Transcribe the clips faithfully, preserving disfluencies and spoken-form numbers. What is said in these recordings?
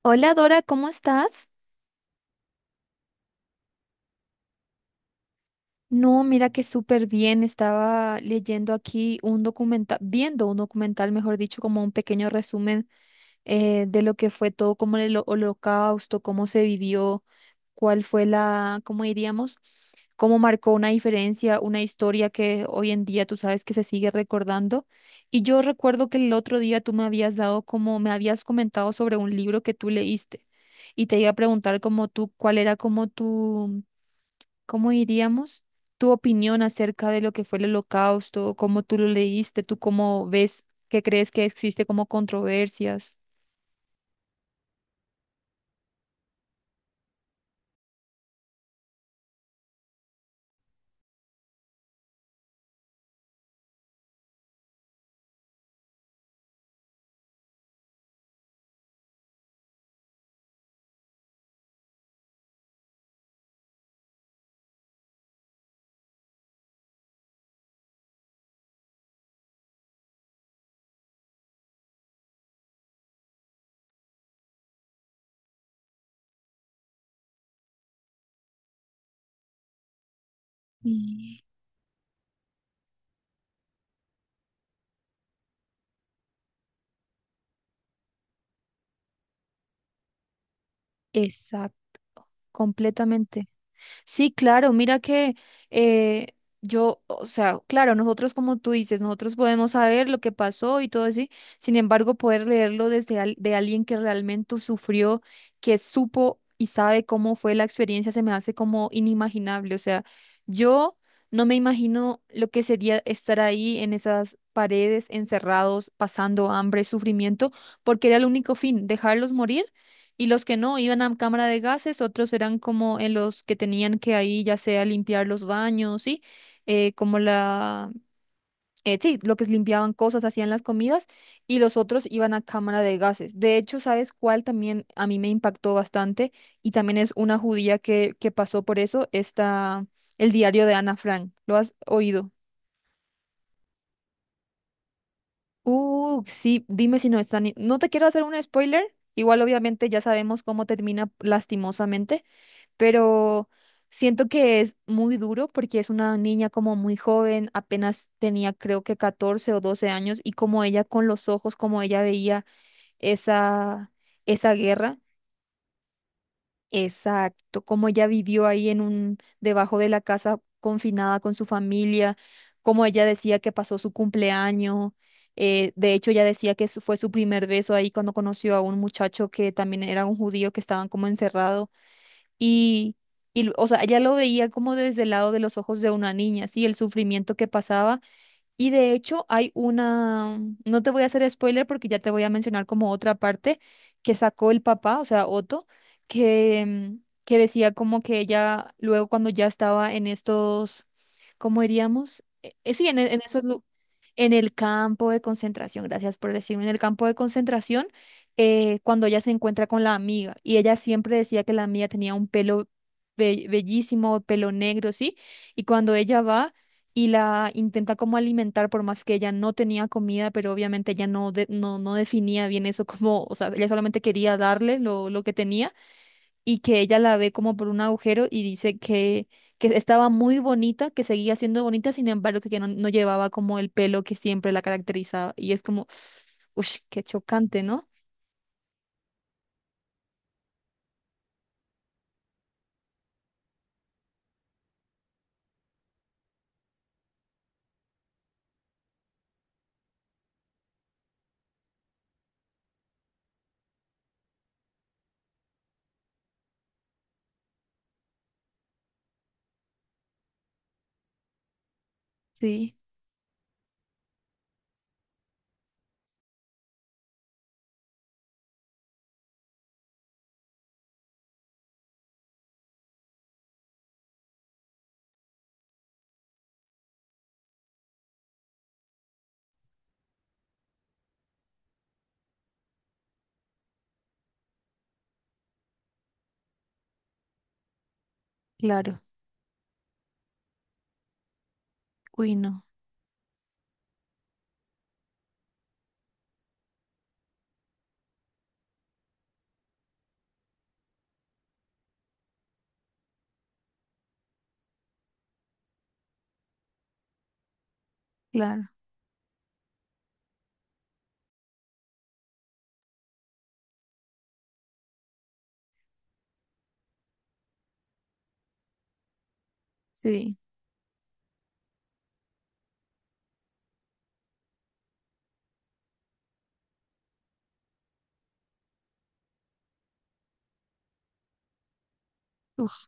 Hola Dora, ¿cómo estás? No, mira que súper bien. Estaba leyendo aquí un documental, viendo un documental, mejor dicho, como un pequeño resumen eh, de lo que fue todo, como el holocausto, cómo se vivió, cuál fue la, cómo diríamos, cómo marcó una diferencia, una historia que hoy en día tú sabes que se sigue recordando. Y yo recuerdo que el otro día tú me habías dado como, me habías comentado sobre un libro que tú leíste y te iba a preguntar como tú, cuál era como tu ¿cómo diríamos? Tu opinión acerca de lo que fue el Holocausto, cómo tú lo leíste, tú cómo ves, qué crees que existe como controversias. Y- Exacto, completamente. Sí, claro, mira que eh, yo, o sea, claro, nosotros como tú dices, nosotros podemos saber lo que pasó y todo así, sin embargo, poder leerlo desde al- de alguien que realmente sufrió, que supo y sabe cómo fue la experiencia, se me hace como inimaginable. O sea, yo no me imagino lo que sería estar ahí en esas paredes, encerrados, pasando hambre, sufrimiento, porque era el único fin, dejarlos morir y los que no iban a cámara de gases, otros eran como en los que tenían que ahí ya sea limpiar los baños, ¿sí? Eh, como la, eh, sí, lo que es limpiaban cosas, hacían las comidas, y los otros iban a cámara de gases. De hecho, ¿sabes cuál también a mí me impactó bastante? Y también es una judía que, que pasó por eso, está el diario de Ana Frank. ¿Lo has oído? Uh, sí, dime si no están. No te quiero hacer un spoiler. Igual obviamente ya sabemos cómo termina lastimosamente, pero siento que es muy duro porque es una niña como muy joven, apenas tenía creo que catorce o doce años y como ella con los ojos, como ella veía esa, esa guerra, exacto, como ella vivió ahí en un, debajo de la casa confinada con su familia, como ella decía que pasó su cumpleaños. eh, de hecho, ella decía que su- fue su primer beso ahí cuando conoció a un muchacho que también era un judío que estaban como encerrado. Y, y, o sea, ella lo veía como desde el lado de los ojos de una niña, sí, el sufrimiento que pasaba y de hecho hay una, no te voy a hacer spoiler porque ya te voy a mencionar como otra parte que sacó el papá, o sea, Otto, que, mm, que decía como que ella luego cuando ya estaba en estos, ¿cómo diríamos? Eh, eh, sí, en, e- en esos, lu- en el campo de concentración, gracias por decirme, en el campo de concentración, eh, cuando ella se encuentra con la amiga y ella siempre decía que la amiga tenía un pelo be- bellísimo, pelo negro, ¿sí? Y cuando ella va y la intenta como alimentar por más que ella no tenía comida, pero obviamente ella no, de- no, no definía bien eso como, o sea, ella solamente quería darle lo, lo que tenía y que ella la ve como por un agujero y dice que, que estaba muy bonita, que seguía siendo bonita, sin embargo que, que no, no llevaba como el pelo que siempre la caracterizaba y es como, uff, qué chocante, ¿no? Sí, claro, uy, no, claro, sí. Uf.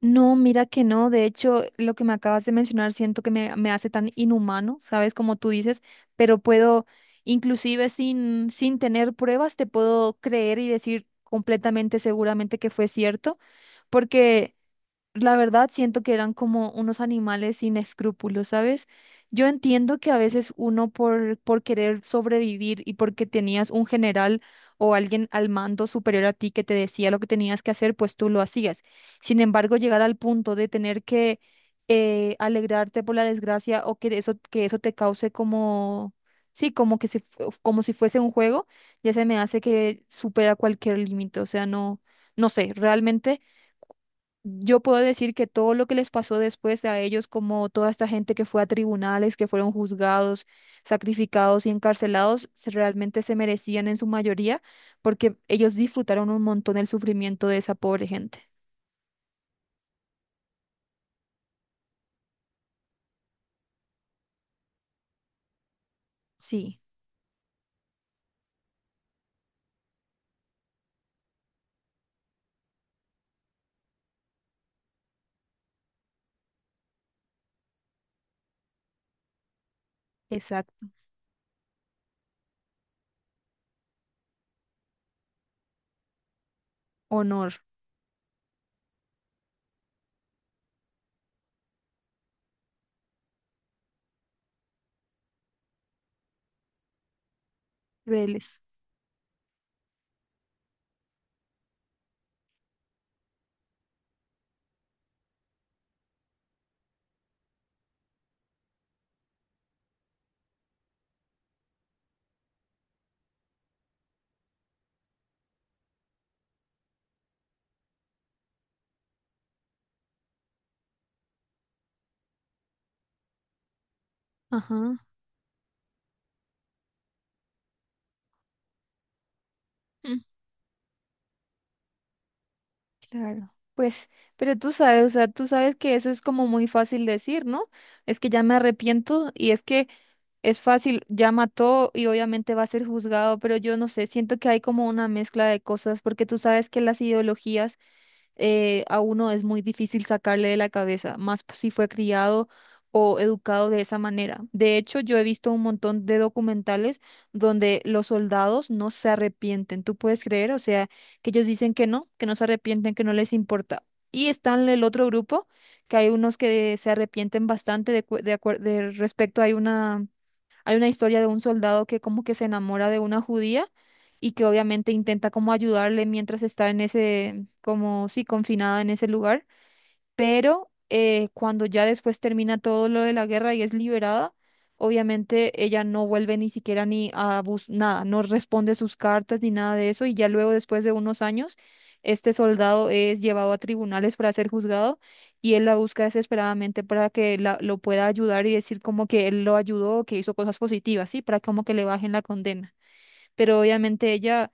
No, mira que no. De hecho, lo que me acabas de mencionar siento que me, me hace tan inhumano, ¿sabes? Como tú dices, pero puedo, inclusive sin, sin tener pruebas, te puedo creer y decir completamente seguramente que fue cierto, porque la verdad, siento que eran como unos animales sin escrúpulos, ¿sabes? Yo entiendo que a veces uno por, por querer sobrevivir y porque tenías un general o alguien al mando superior a ti que te decía lo que tenías que hacer, pues tú lo hacías. Sin embargo, llegar al punto de tener que eh, alegrarte por la desgracia o que eso, que eso te cause como, sí, como que si fu- como si fuese un juego, ya se me hace que supera cualquier límite. O sea, no, no sé, realmente. Yo puedo decir que todo lo que les pasó después a ellos, como toda esta gente que fue a tribunales, que fueron juzgados, sacrificados y encarcelados, se- realmente se merecían en su mayoría porque ellos disfrutaron un montón el sufrimiento de esa pobre gente. Sí, exacto. Honor. Reles. Ajá. Mm. Claro. Pues, pero tú sabes, o sea, tú sabes que eso es como muy fácil decir, ¿no? Es que ya me arrepiento y es que... Es fácil, ya mató y obviamente va a ser juzgado, pero yo no sé, siento que hay como una mezcla de cosas, porque tú sabes que las ideologías eh, a uno es muy difícil sacarle de la cabeza, más si fue criado o educado de esa manera. De hecho, yo he visto un montón de documentales donde los soldados no se arrepienten, ¿tú puedes creer? O sea, que ellos dicen que no, que no se arrepienten, que no les importa. Y están el otro grupo, que hay unos que se arrepienten bastante de, cu- de acuer- de respecto, hay una hay una historia de un soldado que como que se enamora de una judía y que obviamente intenta como ayudarle mientras está en ese, como sí, confinada en ese lugar pero eh, cuando ya después termina todo lo de la guerra y es liberada, obviamente ella no vuelve ni siquiera ni a bus nada, no responde sus cartas ni nada de eso y ya luego después de unos años este soldado es llevado a tribunales para ser juzgado y él la busca desesperadamente para que la- lo pueda ayudar y decir como que él lo ayudó, que hizo cosas positivas, ¿sí? Para como que le bajen la condena. Pero obviamente ella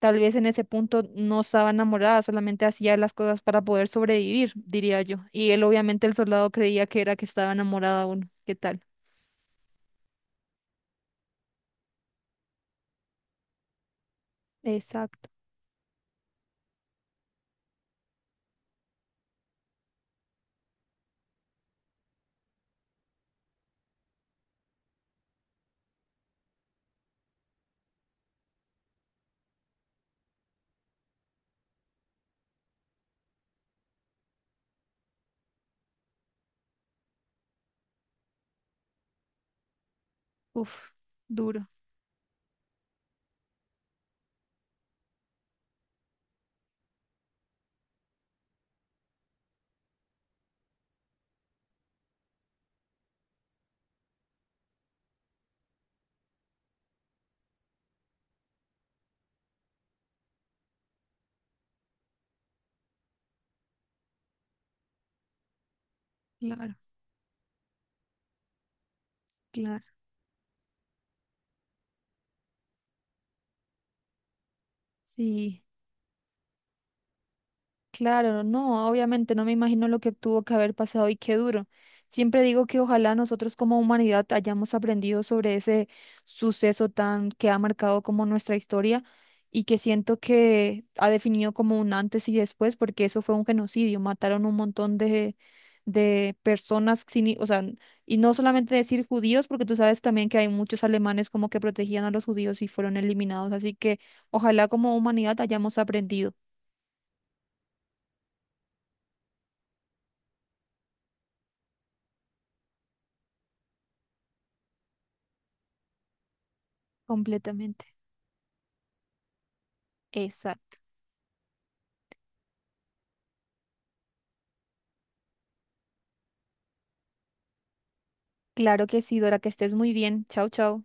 tal vez en ese punto no estaba enamorada, solamente hacía las cosas para poder sobrevivir, diría yo. Y él, obviamente, el soldado creía que era que estaba enamorada uno. ¿Qué tal? Exacto. Uf, duro. Claro, claro. Sí. Claro, no, obviamente no me imagino lo que tuvo que haber pasado y qué duro. Siempre digo que ojalá nosotros como humanidad hayamos aprendido sobre ese suceso tan que ha marcado como nuestra historia y que siento que ha definido como un antes y después, porque eso fue un genocidio, mataron un montón de, de personas sin, i- o sea, y no solamente decir judíos, porque tú sabes también que hay muchos alemanes como que protegían a los judíos y fueron eliminados, así que ojalá como humanidad hayamos aprendido completamente. Exacto. Claro que sí, Dora, que estés muy bien. Chao, chao.